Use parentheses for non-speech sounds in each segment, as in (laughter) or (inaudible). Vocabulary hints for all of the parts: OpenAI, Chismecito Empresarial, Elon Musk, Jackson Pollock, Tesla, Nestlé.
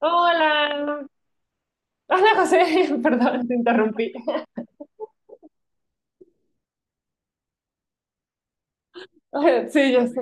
Hola, hola José, (laughs) perdón, te interrumpí. (laughs) Sí, ya sé.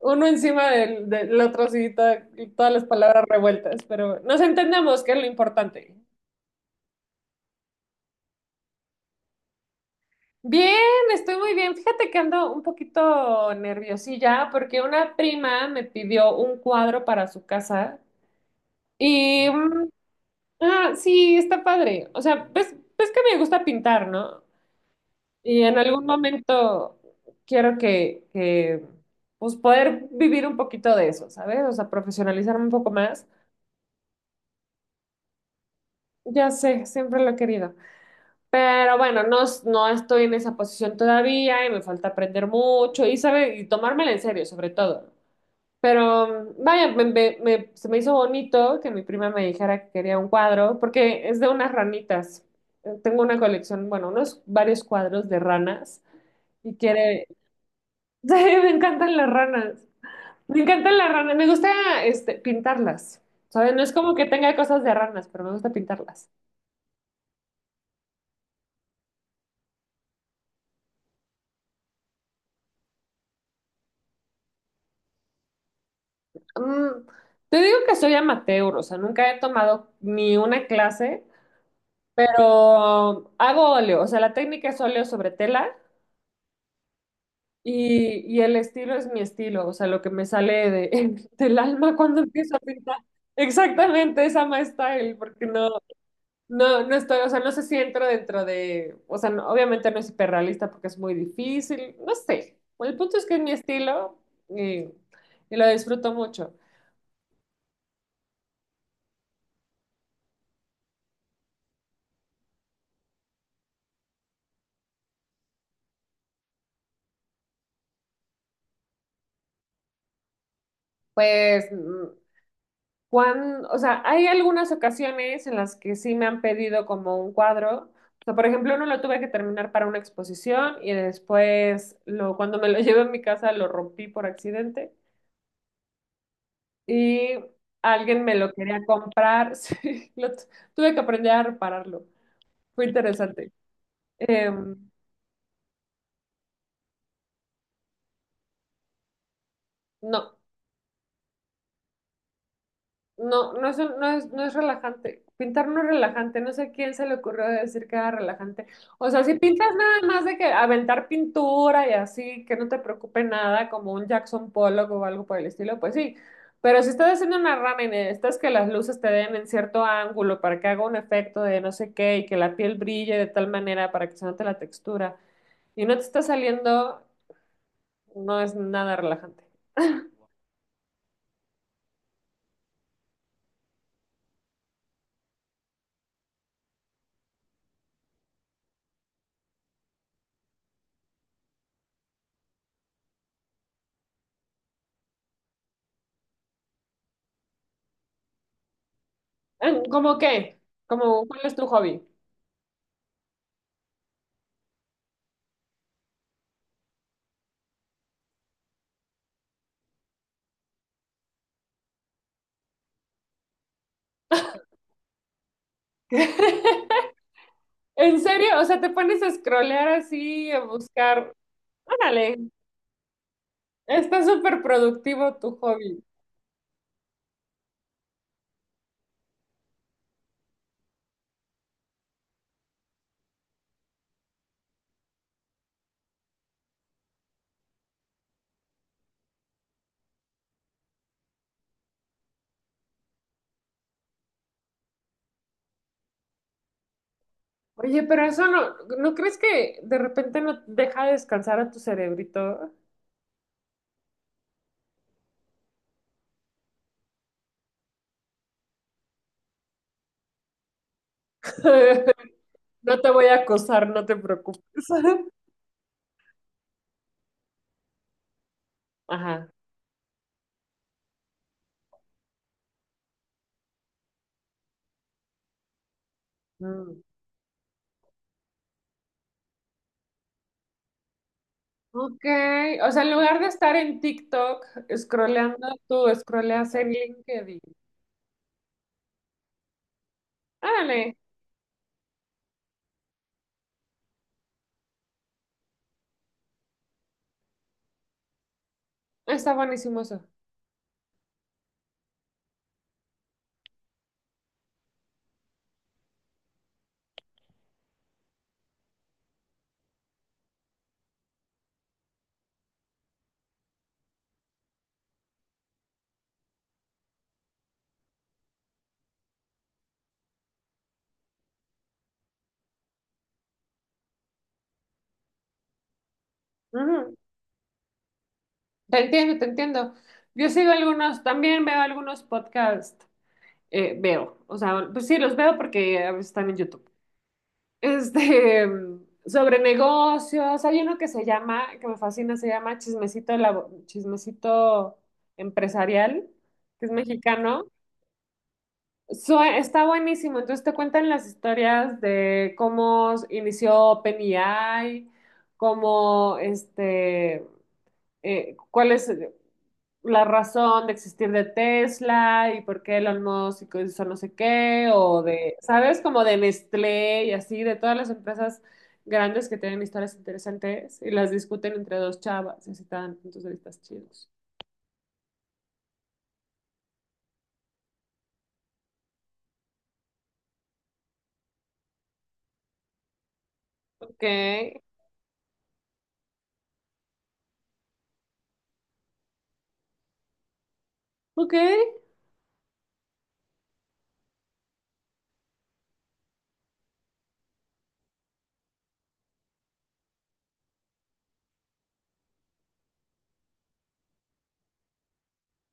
Uno encima del otro, sí, todas las palabras revueltas, pero nos entendemos, que es lo importante. Bien, estoy muy bien. Fíjate que ando un poquito nerviosilla porque una prima me pidió un cuadro para su casa y, ah, sí, está padre. O sea, ves que me gusta pintar, ¿no? Y en algún momento quiero que pues poder vivir un poquito de eso, ¿sabes? O sea, profesionalizarme un poco más. Ya sé, siempre lo he querido. Pero bueno, no, no estoy en esa posición todavía y me falta aprender mucho y, sabe, y tomármela en serio, sobre todo. Pero vaya, se me hizo bonito que mi prima me dijera que quería un cuadro, porque es de unas ranitas. Tengo una colección, bueno, unos varios cuadros de ranas y quiere... (laughs) Sí, me encantan las ranas. Me encantan las ranas, me gusta pintarlas. ¿Saben? No es como que tenga cosas de ranas, pero me gusta pintarlas. Mm, Te digo que soy amateur, o sea, nunca he tomado ni una clase, pero hago óleo, o sea, la técnica es óleo sobre tela y el estilo es mi estilo, o sea, lo que me sale de, (laughs) del alma cuando empiezo a pintar. Exactamente, esa my style, porque no. No, no estoy, o sea, no sé si entro dentro de, o sea, obviamente no es hiperrealista porque es muy difícil, no sé. Bueno, el punto es que es mi estilo y, y lo disfruto mucho. Pues, cuando, o sea, hay algunas ocasiones en las que sí me han pedido como un cuadro. O sea, por ejemplo, uno lo tuve que terminar para una exposición y después, cuando me lo (laughs) llevé a mi casa, lo rompí por accidente y alguien me lo quería comprar. (laughs) Sí, lo tuve que aprender a repararlo. Fue interesante. Eh, no, no, no es, un- no es, no es relajante. Pintar no es relajante. No sé a quién se le ocurrió decir que era relajante. O sea, si pintas nada más de que aventar pintura y así, que no te preocupe nada, como un Jackson Pollock o algo por el estilo, pues sí. Pero si estás haciendo una rana y necesitas que las luces te den en cierto ángulo para que haga un efecto de no sé qué y que la piel brille de tal manera para que se note la textura y no te está saliendo, no es nada relajante. ¿Cómo qué? ¿Cómo cuál es tu hobby? (laughs) ¿En serio? O sea, te pones a scrollear así, a buscar. Órale, está súper productivo tu hobby. Oye, pero eso no, ¿no crees que de repente no deja descansar a tu cerebrito? (laughs) No te voy a acosar, no te preocupes. (laughs) Ajá. Mm. Ok, o sea, en lugar de estar en TikTok scrolleando, tú scrolleas en LinkedIn. Órale, está buenísimo eso. Ujú. Te entiendo, te entiendo. Yo sigo algunos, también veo algunos podcasts, veo, o sea, pues sí, los veo porque a veces están en YouTube. (laughs) Sobre negocios, hay uno que se llama, que me fascina, se llama Chismecito, Chismecito Empresarial, que es mexicano. Está buenísimo, entonces te cuentan las historias de cómo inició OpenAI, cómo, este, cuál es... la razón de existir de Tesla y por qué Elon Musk hizo no sé qué, o de, ¿sabes? Como de Nestlé y así, de todas las empresas grandes que tienen historias interesantes y las discuten entre dos chavas y así te dan puntos de vista chidos. Ok, ok.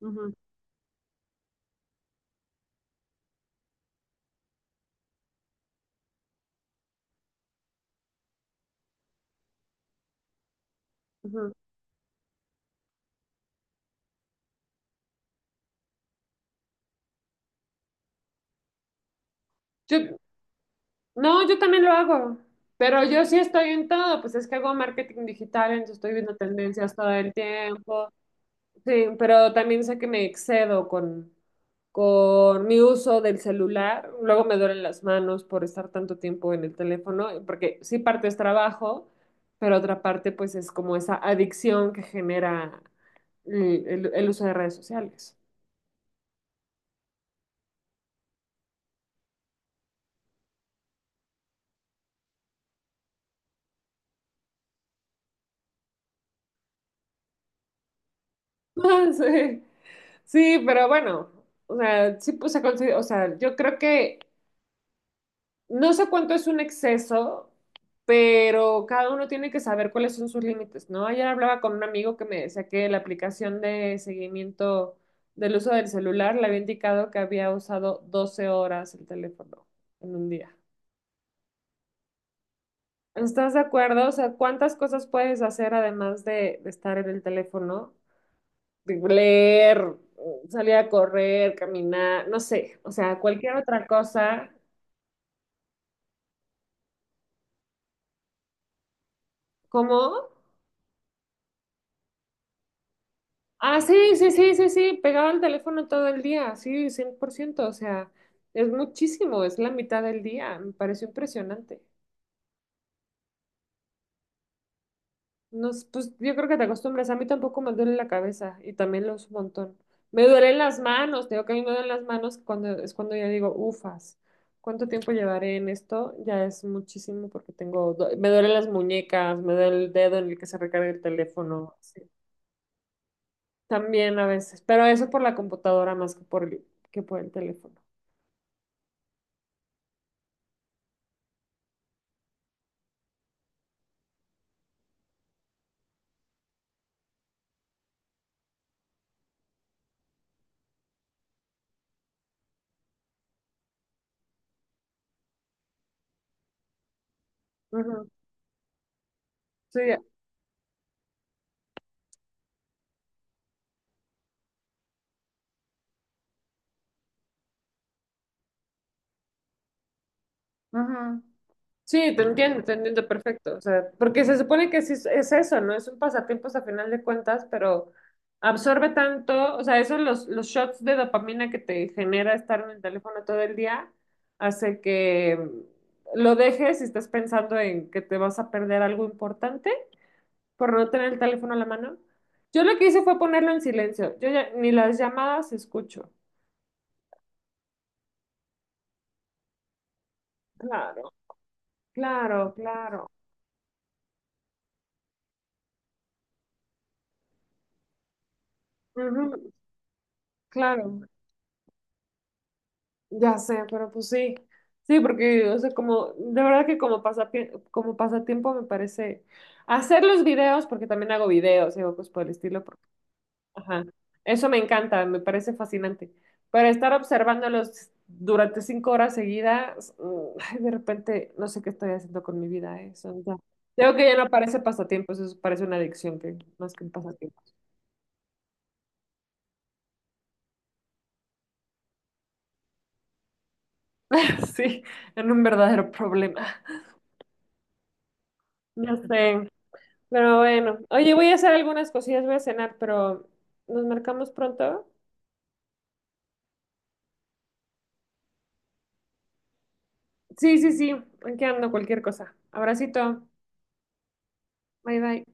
Ujú, ujú. Yo, no, yo también lo hago, pero yo sí estoy en todo, pues es que hago marketing digital, entonces estoy viendo tendencias todo el tiempo. Sí, pero también sé que me excedo con mi uso del celular. Luego me duelen las manos por estar tanto tiempo en el teléfono, porque sí parte es trabajo, pero otra parte pues es como esa adicción que genera el uso de redes sociales. (laughs) Sí, sí, pero bueno, o sea, sí, pues, o sea, yo creo que no sé cuánto es un exceso, pero cada uno tiene que saber cuáles son sus límites, ¿no? Ayer hablaba con un amigo que me decía que la aplicación de seguimiento del uso del celular le había indicado que había usado 12 horas el teléfono en un día. ¿Estás de acuerdo? O sea, ¿cuántas cosas puedes hacer además de estar en el teléfono? De leer, salir a correr, caminar, no sé, o sea, cualquier otra cosa. ¿Cómo? Ah, sí, sí, sí, sí, sí, pegado al teléfono todo el día, sí, 100%, o sea, es muchísimo, es la mitad del día, me pareció impresionante. Pues yo creo que te acostumbras, a mí tampoco me duele la cabeza y también lo uso un montón. Me duelen las manos, te digo que a mí me duelen las manos cuando es cuando ya digo, ufas, ¿cuánto tiempo llevaré en esto? Ya es muchísimo porque me duelen las muñecas, me duele el dedo en el que se recarga el teléfono, sí. También a veces, pero eso por la computadora más que por que por el teléfono. Ujú, sí, ujú. Sí, te entiendo perfecto. O sea, porque se supone que sí es eso, ¿no? Es un pasatiempo a final de cuentas, pero absorbe tanto, o sea, esos los, shots de dopamina que te genera estar en el teléfono todo el día, hace que lo dejes y estés pensando en que te vas a perder algo importante por no tener el teléfono a la mano. Yo lo que hice fue ponerlo en silencio. Yo ya ni las llamadas escucho. Claro, claro, claro. Ujú, claro. Ya sé, pero pues sí, sí, porque, o sea, como, de verdad que como como pasatiempo me parece hacer los videos, porque también hago videos, digo, pues por el estilo, porque, ajá, eso me encanta, me parece fascinante, pero estar observándolos durante 5 horas seguidas, mm, ay, de repente no sé qué estoy haciendo con mi vida, ¿eh? Eso ya, creo que ya no parece pasatiempo, eso parece una adicción que, más que un pasatiempo. (laughs) Sí, en un verdadero problema. Ya sé. Pero bueno, oye, voy a hacer algunas cosillas, voy a cenar, pero nos marcamos pronto. Sí, sí, sí, aquí ando cualquier cosa. Abracito, bye bye.